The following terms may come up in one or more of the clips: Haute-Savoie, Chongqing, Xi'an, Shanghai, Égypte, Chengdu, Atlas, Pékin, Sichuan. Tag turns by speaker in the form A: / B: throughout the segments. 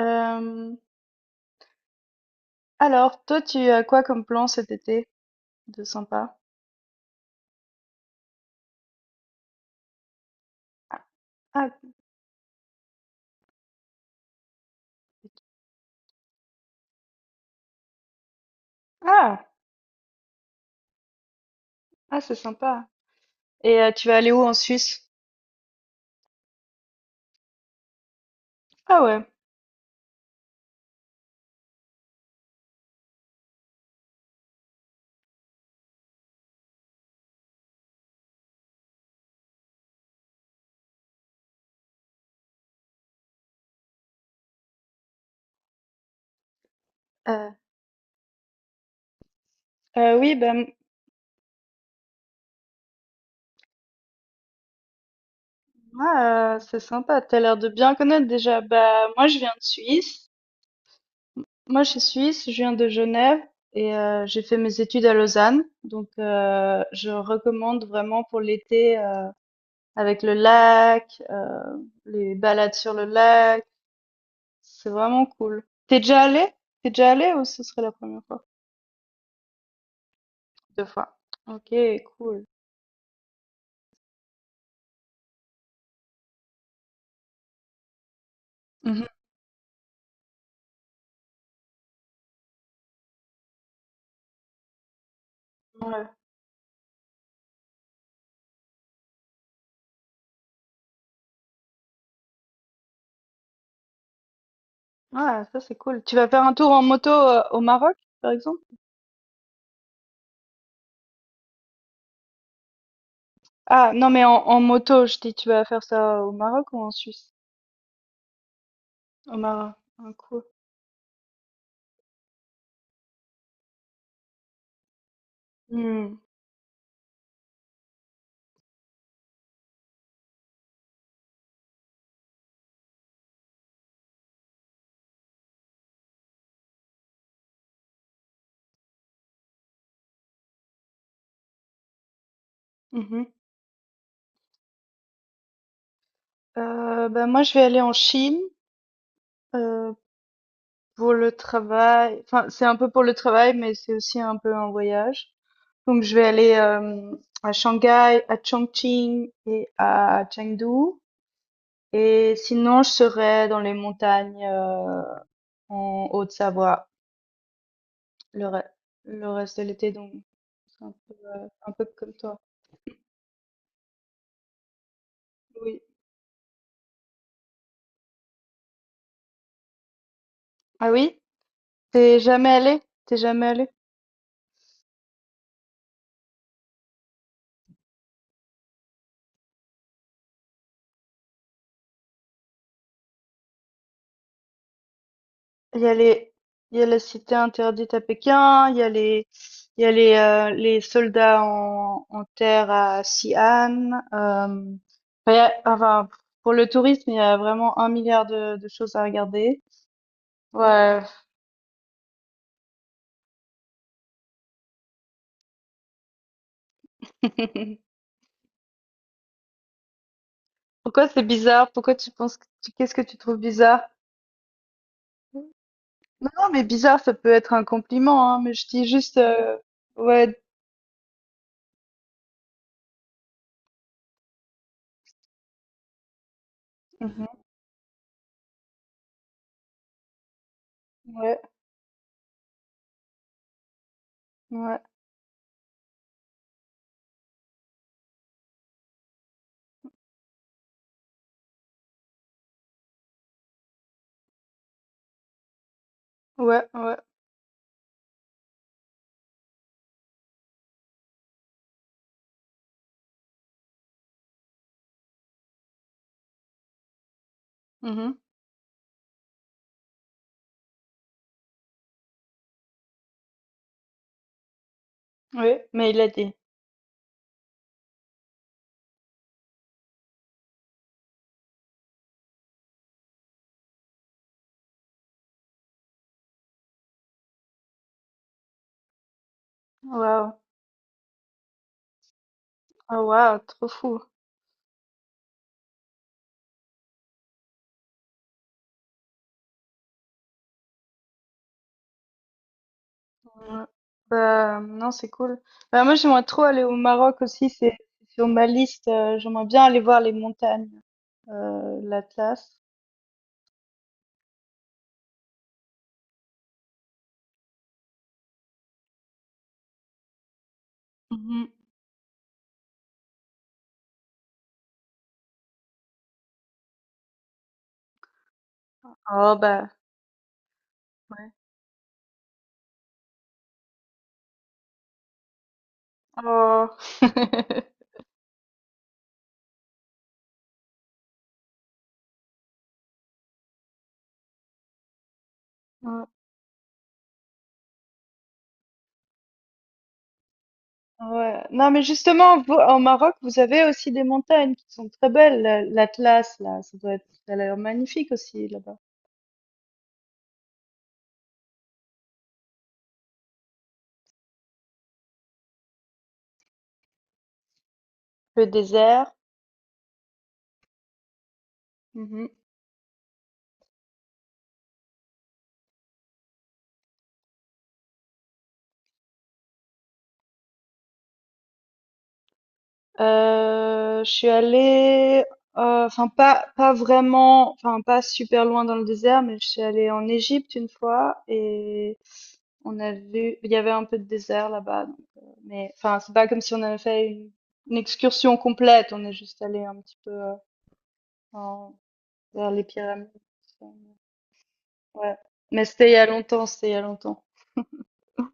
A: Euh, alors, toi, tu as quoi comme plan cet été de sympa? Ah, ah, ah, ah, c'est sympa. Et tu vas aller où en Suisse? Ah ouais. Euh, oui, ben moi, c'est sympa. T'as l'air de bien connaître déjà. Bah moi, je viens de Suisse. Moi, je suis suisse. Je viens de Genève et j'ai fait mes études à Lausanne. Donc, je recommande vraiment pour l'été, avec le lac, les balades sur le lac. C'est vraiment cool. T'es déjà allé? T'es déjà allé ou ce serait la première fois? Deux fois. Ok, cool. Mhm. Ouais. Ouais, ça c'est cool. Tu vas faire un tour en moto au Maroc, par exemple? Ah, non, mais en moto, je dis, tu vas faire ça au Maroc ou en Suisse? Au Maroc. Ah, cool. Hmm. Mhm. Bah, moi, je vais aller en Chine euh, pour le travail. Enfin, c'est un peu pour le travail, mais c'est aussi un peu un voyage. Donc, je vais aller à Shanghai, à Chongqing et à Chengdu. Et sinon, je serai dans les montagnes en Haute-Savoie le, re- le reste de l'été. Donc, c'est un peu comme toi. Oui. Ah oui? T'es jamais allé? T'es jamais allé? Il y a il y a la cité interdite à Pékin, il y a il y a les soldats en terre à Xi'an. Il y a- pour le tourisme, il y a vraiment un milliard de choses à regarder. Ouais. Pourquoi c'est bizarre? Pourquoi tu penses que qu'est-ce que tu trouves bizarre? Non, non, mais bizarre, ça peut être un compliment, hein, mais je dis juste, ouais, mhm, ouais, ouais, ouais, ouais, mhm, ouais, mais il a dit, waouh, oh waouh, trop fou. Ouais. Bah, non, c'est cool. Bah, moi, j'aimerais trop aller au Maroc aussi. C'est sur ma liste. J'aimerais bien aller voir les montagnes, l'Atlas. Mhm. Oh, bah, ouais. Oh. Ouais. Ouais. Non, mais justement, vous, en Maroc, vous avez aussi des montagnes qui sont très belles. L'Atlas, là, ça doit être, ça a l'air magnifique aussi, là-bas. Le désert. Je suis allée, enfin pas pas vraiment, enfin pas super loin dans le désert, mais je suis allée en Égypte une fois et on a vu, il y avait un peu de désert là-bas, donc, mais enfin c'est pas comme si on avait fait une excursion complète, on est juste allé un petit peu en- vers les pyramides, tout ça. Ouais, mais c'était il y a longtemps, c'était il y a longtemps. Mmh.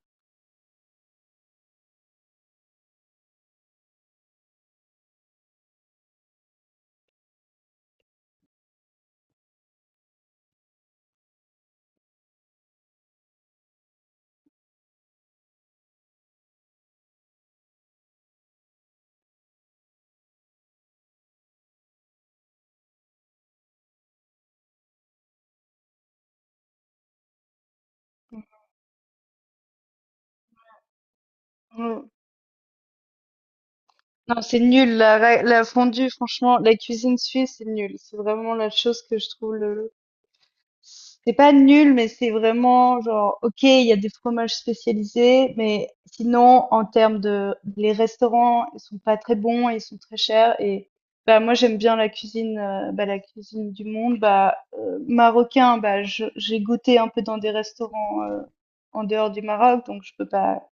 A: Mmh. Non, c'est nul la fondue, franchement, la cuisine suisse, c'est nul. C'est vraiment la chose que je trouve le. C'est pas nul, mais c'est vraiment genre, OK, il y a des fromages spécialisés, mais sinon, en termes de, les restaurants, ils sont pas très bons, et ils sont très chers et, bah, moi, j'aime bien la cuisine, bah, la cuisine du monde, bah, marocain, bah, j'ai goûté un peu dans des restaurants, en dehors du Maroc, donc je peux pas,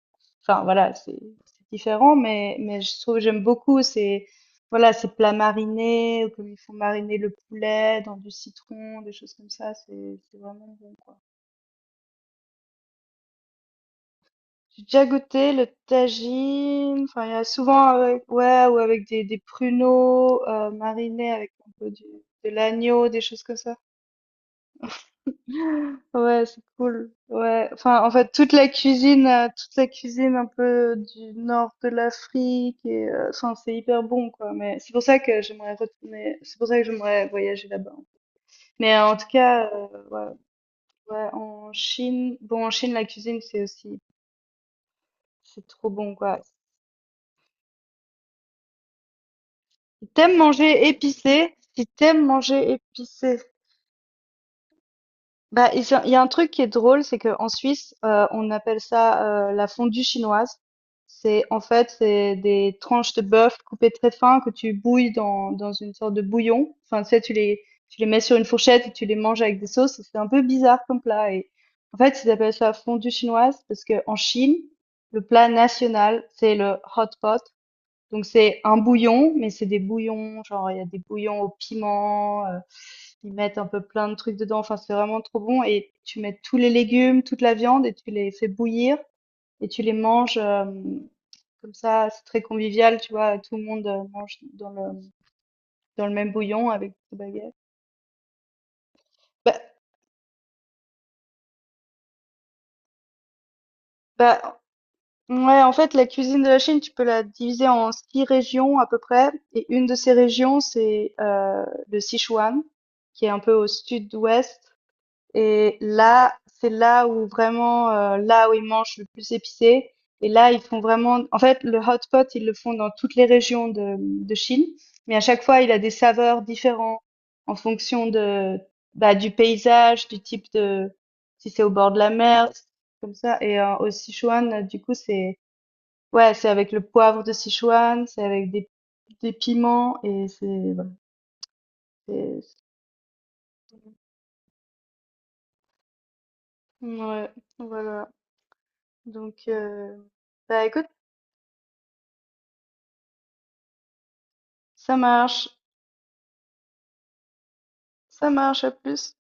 A: enfin, voilà, c'est différent, mais je trouve, que j'aime beaucoup, c'est, voilà, ces plats marinés, ou comme ils font mariner le poulet dans du citron, des choses comme ça, c'est vraiment bon. J'ai déjà goûté le tagine, enfin il y a souvent avec ouais ou avec des pruneaux marinés avec un peu du, de l'agneau, des choses comme ça. Ouais, c'est cool. Ouais, enfin en fait toute la cuisine un peu du nord de l'Afrique et enfin c'est hyper bon quoi. Mais c'est pour ça que j'aimerais retourner, c'est pour ça que j'aimerais voyager là-bas. Mais en tout cas, ouais, ouais, en Chine, bon, en Chine, la cuisine, c'est aussi, c'est trop bon, quoi. Si t'aimes manger épicé, si t'aimes manger épicé, bah, ils ont il y a un truc qui est drôle, c'est qu'en Suisse, on appelle ça, la fondue chinoise. C'est en fait, c'est des tranches de bœuf coupées très fin que tu bouilles dans une sorte de bouillon. Enfin, tu sais, tu les mets sur une fourchette et tu les manges avec des sauces et c'est un peu bizarre comme plat et en fait, ils appellent ça fondue chinoise parce que en Chine, le plat national, c'est le hot pot. Donc c'est un bouillon, mais c'est des bouillons, genre il y a des bouillons au piment, ils mettent un peu plein de trucs dedans, enfin c'est vraiment trop bon et tu mets tous les légumes, toute la viande et tu les fais bouillir et tu les manges comme ça, c'est très convivial, tu vois, tout le monde mange dans le même bouillon avec des baguettes. Bah, bah ouais, en fait la cuisine de la Chine, tu peux la diviser en six régions à peu près et une de ces régions c'est le Sichuan qui est un peu au sud-ouest. Et là, c'est là où vraiment, là où ils mangent le plus épicé. Et là, ils font vraiment, en fait, le hot pot, ils le font dans toutes les régions de Chine. Mais à chaque fois, il a des saveurs différentes en fonction de, bah, du paysage, du type de, si c'est au bord de la mer, comme ça. Et au Sichuan, du coup, c'est, ouais, c'est avec le poivre de Sichuan, c'est avec des piments et c'est, voilà. c'est- ouais, voilà. Donc, bah écoute, ça marche. Ça marche. À plus.